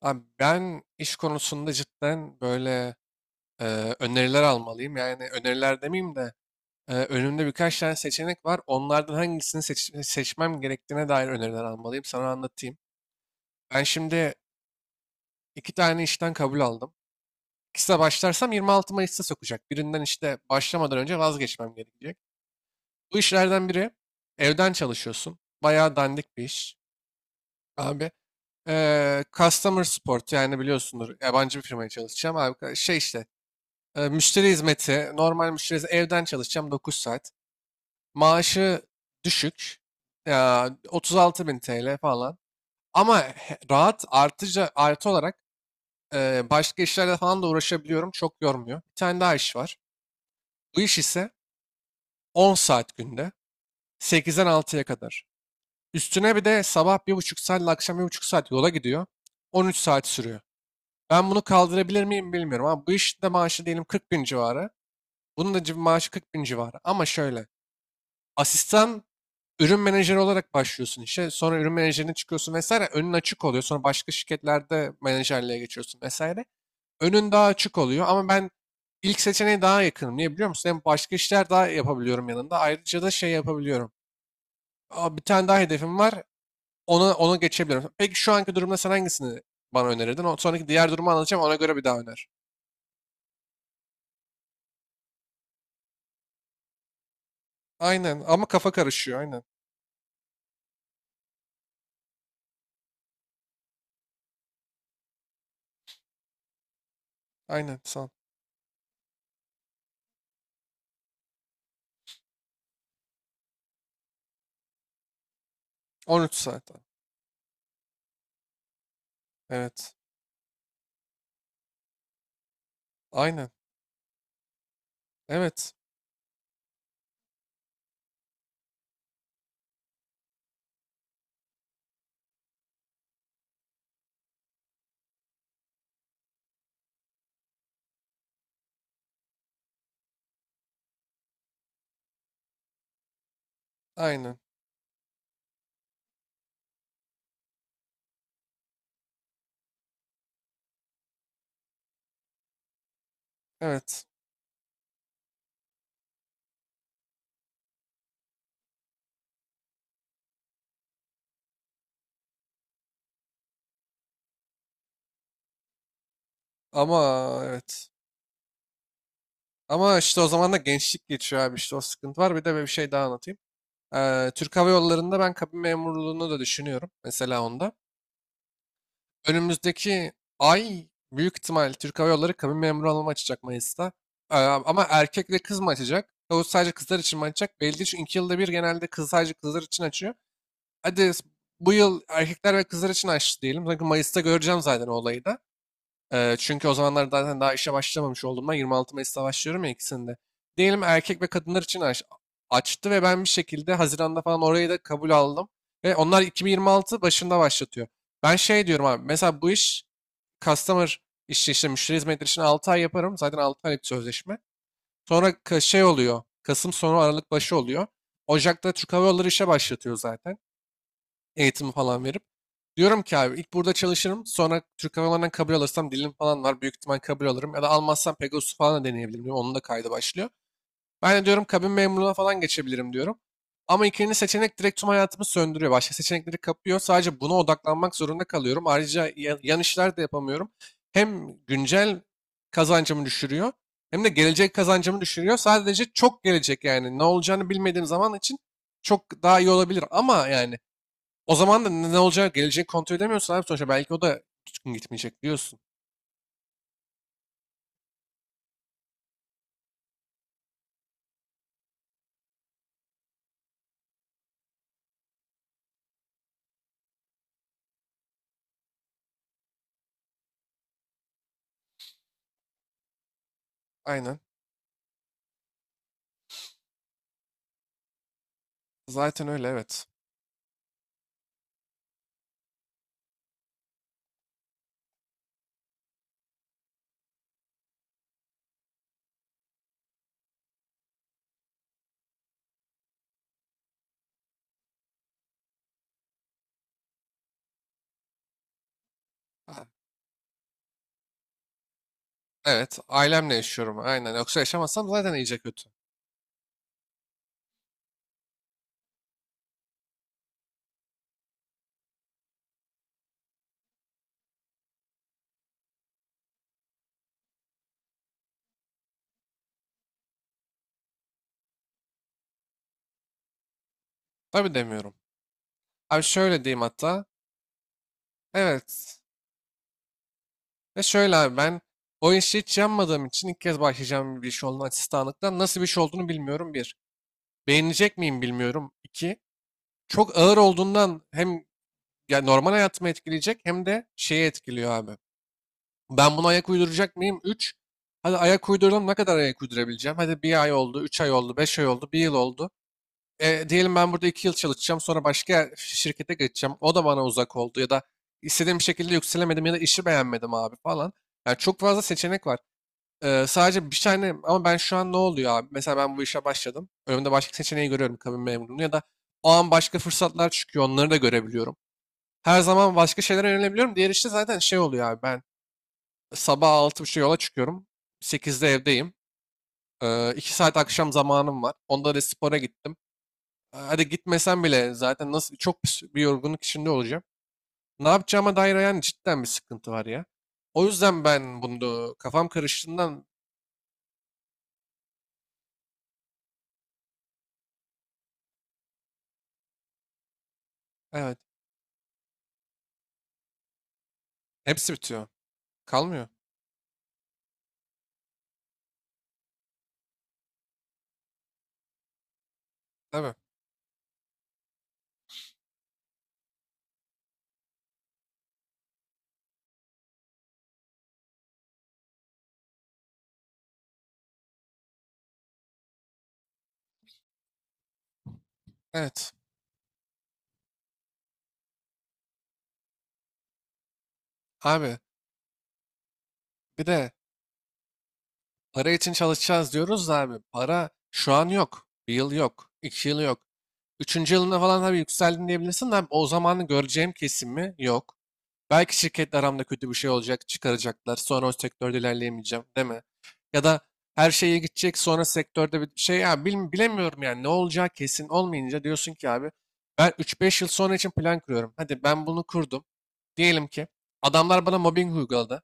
Abi ben iş konusunda cidden böyle e, öneriler almalıyım. Yani öneriler demeyeyim de önümde birkaç tane seçenek var. Onlardan hangisini seçmem gerektiğine dair öneriler almalıyım. Sana anlatayım. Ben şimdi iki tane işten kabul aldım. İkisine başlarsam 26 Mayıs'ta sokacak. Birinden işte başlamadan önce vazgeçmem gerekecek. Bu işlerden biri evden çalışıyorsun. Bayağı dandik bir iş. Abi customer support, yani biliyorsundur, yabancı bir firmaya çalışacağım. Abi şey işte. Müşteri hizmeti, normal müşteri hizmeti, evden çalışacağım 9 saat. Maaşı düşük. Ya 36.000 TL falan. Ama rahat, artıca artı olarak başka işlerle falan da uğraşabiliyorum. Çok yormuyor. Bir tane daha iş var. Bu iş ise 10 saat günde, sekizden altıya kadar. Üstüne bir de sabah bir buçuk saat ile akşam bir buçuk saat yola gidiyor. 13 saat sürüyor. Ben bunu kaldırabilir miyim bilmiyorum, ama bu işte maaşı diyelim 40.000 civarı. Bunun da maaşı 40.000 civarı. Ama şöyle. Asistan ürün menajeri olarak başlıyorsun işe. Sonra ürün menajerine çıkıyorsun vesaire. Önün açık oluyor. Sonra başka şirketlerde menajerliğe geçiyorsun vesaire. Önün daha açık oluyor, ama ben ilk seçeneğe daha yakınım. Niye biliyor musun? Hem başka işler daha yapabiliyorum yanında. Ayrıca da şey yapabiliyorum. Bir tane daha hedefim var. Ona geçebiliyorum. Peki şu anki durumda sen hangisini bana önerirdin? O sonraki diğer durumu anlatacağım. Ona göre bir daha öner. Aynen, ama kafa karışıyor. Aynen. Aynen. Sağ ol. On üç saat. Evet. Aynen. Evet. Aynen. Evet. Ama evet. Ama işte o zaman da gençlik geçiyor abi, işte o sıkıntı var. Bir de bir şey daha anlatayım. Türk Hava Yolları'nda ben kabin memurluğunu da düşünüyorum. Mesela onda. Önümüzdeki ay büyük ihtimal Türk Hava Yolları kabin memuru alımı açacak Mayıs'ta. Ama erkek ve kız mı açacak? O sadece kızlar için mi açacak? Belli değil, çünkü 2 yılda bir genelde kız, sadece kızlar için açıyor. Hadi bu yıl erkekler ve kızlar için açtı diyelim. Çünkü Mayıs'ta göreceğim zaten o olayı da. Çünkü o zamanlar zaten daha işe başlamamış olduğumdan, 26 Mayıs'ta başlıyorum ya ikisinde. Diyelim erkek ve kadınlar için açtı ve ben bir şekilde Haziran'da falan orayı da kabul aldım. Ve onlar 2026 başında başlatıyor. Ben şey diyorum abi, mesela bu iş, customer işi, işte müşteri hizmetleri için 6 ay yaparım. Zaten 6 aylık sözleşme. Sonra şey oluyor. Kasım sonu Aralık başı oluyor. Ocak'ta Türk Hava Yolları işe başlatıyor zaten, eğitimi falan verip. Diyorum ki abi, ilk burada çalışırım. Sonra Türk Hava Yolları'ndan kabul alırsam, dilim falan var, büyük ihtimal kabul alırım. Ya da almazsam Pegasus falan da deneyebilirim, diyorum. Onun da kaydı başlıyor. Ben de diyorum kabin memurluğuna falan geçebilirim diyorum. Ama ikinci seçenek direkt tüm hayatımı söndürüyor. Başka seçenekleri kapıyor. Sadece buna odaklanmak zorunda kalıyorum. Ayrıca yan işler de yapamıyorum. Hem güncel kazancımı düşürüyor. Hem de gelecek kazancımı düşürüyor. Sadece çok gelecek yani. Ne olacağını bilmediğim zaman için çok daha iyi olabilir. Ama yani o zaman da ne olacak gelecek kontrol edemiyorsun abi, sonuçta belki o da tutkun gitmeyecek diyorsun. Aynen. Zaten öyle, evet. Ha, Evet, ailemle yaşıyorum aynen. Yoksa yaşamasam zaten iyice kötü. Tabii demiyorum. Abi şöyle diyeyim hatta. Evet. Ve şöyle abi, ben o işi hiç yanmadığım için, ilk kez başlayacağım bir iş olduğunu, asistanlıktan nasıl bir iş olduğunu bilmiyorum, bir. Beğenecek miyim bilmiyorum, İki. Çok ağır olduğundan hem ya normal hayatımı etkileyecek, hem de şeyi etkiliyor abi. Ben buna ayak uyduracak mıyım? 3. Hadi ayak uydurdum. Ne kadar ayak uydurabileceğim? Hadi bir ay oldu, 3 ay oldu, 5 ay oldu, bir yıl oldu. Diyelim ben burada 2 yıl çalışacağım. Sonra başka şirkete geçeceğim. O da bana uzak oldu, ya da istediğim şekilde yükselemedim, ya da işi beğenmedim abi falan. Yani çok fazla seçenek var. Sadece bir tane, ama ben şu an ne oluyor abi? Mesela ben bu işe başladım. Önümde başka seçeneği görüyorum, kabin memurunu, ya da o an başka fırsatlar çıkıyor. Onları da görebiliyorum. Her zaman başka şeylere yönelebiliyorum. Diğer işte zaten şey oluyor abi. Ben sabah 6.30 yola çıkıyorum. Sekizde evdeyim. 2 saat akşam zamanım var. Onda da spora gittim. Hadi gitmesem bile, zaten nasıl çok bir yorgunluk içinde olacağım. Ne yapacağıma dair yani cidden bir sıkıntı var ya. O yüzden ben bunu kafam karıştığından, evet, hepsi bitiyor. Kalmıyor. Tabii. Evet. Abi bir de para için çalışacağız diyoruz da abi, para şu an yok. Bir yıl yok. 2 yıl yok. Üçüncü yılına falan tabii yükseldin diyebilirsin de abi, o zamanı göreceğim kesimi yok. Belki şirketle aramda kötü bir şey olacak, çıkaracaklar. Sonra o sektörde ilerleyemeyeceğim, değil mi? Ya da her şey iyi gidecek, sonra sektörde bir şey ya bilemiyorum yani, ne olacağı kesin olmayınca diyorsun ki abi, ben üç beş yıl sonra için plan kuruyorum. Hadi ben bunu kurdum. Diyelim ki adamlar bana mobbing uyguladı.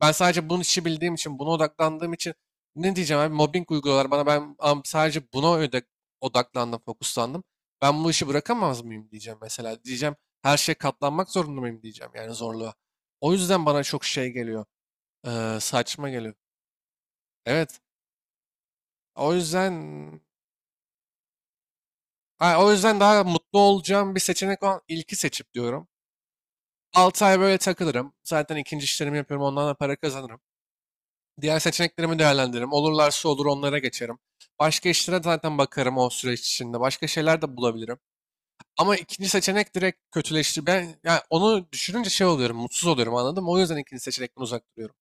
Ben sadece bunun işi bildiğim için, buna odaklandığım için, ne diyeceğim abi, mobbing uyguluyorlar bana, sadece buna odaklandım, fokuslandım. Ben bu işi bırakamaz mıyım diyeceğim mesela. Diyeceğim her şeye katlanmak zorunda mıyım diyeceğim, yani zorluğa. O yüzden bana çok şey geliyor, saçma geliyor. Evet, o yüzden ha, o yüzden daha mutlu olacağım bir seçenek olan ilki seçip diyorum. 6 ay böyle takılırım. Zaten ikinci işlerimi yapıyorum, ondan da para kazanırım. Diğer seçeneklerimi değerlendiririm. Olurlarsa olur, onlara geçerim. Başka işlere zaten bakarım o süreç içinde. Başka şeyler de bulabilirim. Ama ikinci seçenek direkt kötüleşti. Ben yani onu düşününce şey oluyorum, mutsuz oluyorum, anladın mı? O yüzden ikinci seçenekten uzak duruyorum.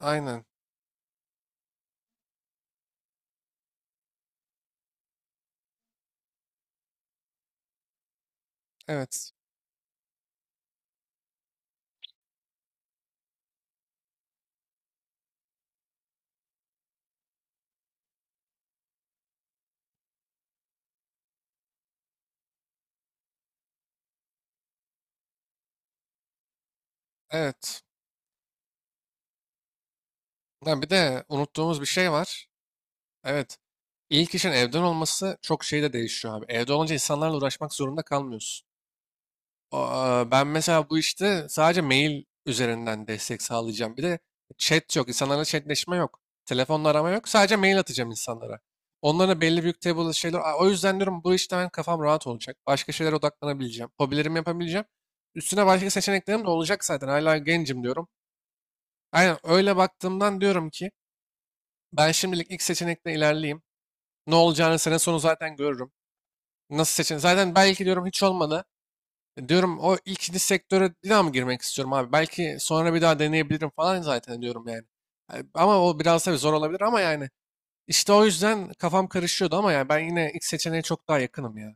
Aynen. Evet. Evet. Ha, Bir de unuttuğumuz bir şey var. Evet. İlk işin evden olması çok şey de değişiyor abi. Evde olunca insanlarla uğraşmak zorunda kalmıyorsun. Ben mesela bu işte sadece mail üzerinden destek sağlayacağım. Bir de chat yok. İnsanlarla chatleşme yok. Telefonla arama yok. Sadece mail atacağım insanlara. Onlara belli büyük table şeyler. O yüzden diyorum bu işte ben kafam rahat olacak. Başka şeylere odaklanabileceğim. Hobilerimi yapabileceğim. Üstüne başka seçeneklerim de olacak zaten. Hala gencim diyorum. Aynen, öyle baktığımdan diyorum ki ben şimdilik ilk seçenekle ilerleyeyim. Ne olacağını sene sonu zaten görürüm. Nasıl seçen? Zaten belki diyorum, hiç olmadı. Diyorum, o ikinci sektöre bir daha mı girmek istiyorum abi? Belki sonra bir daha deneyebilirim falan, zaten diyorum yani. Yani ama o biraz tabii zor olabilir, ama yani işte o yüzden kafam karışıyordu, ama yani ben yine ilk seçeneğe çok daha yakınım ya.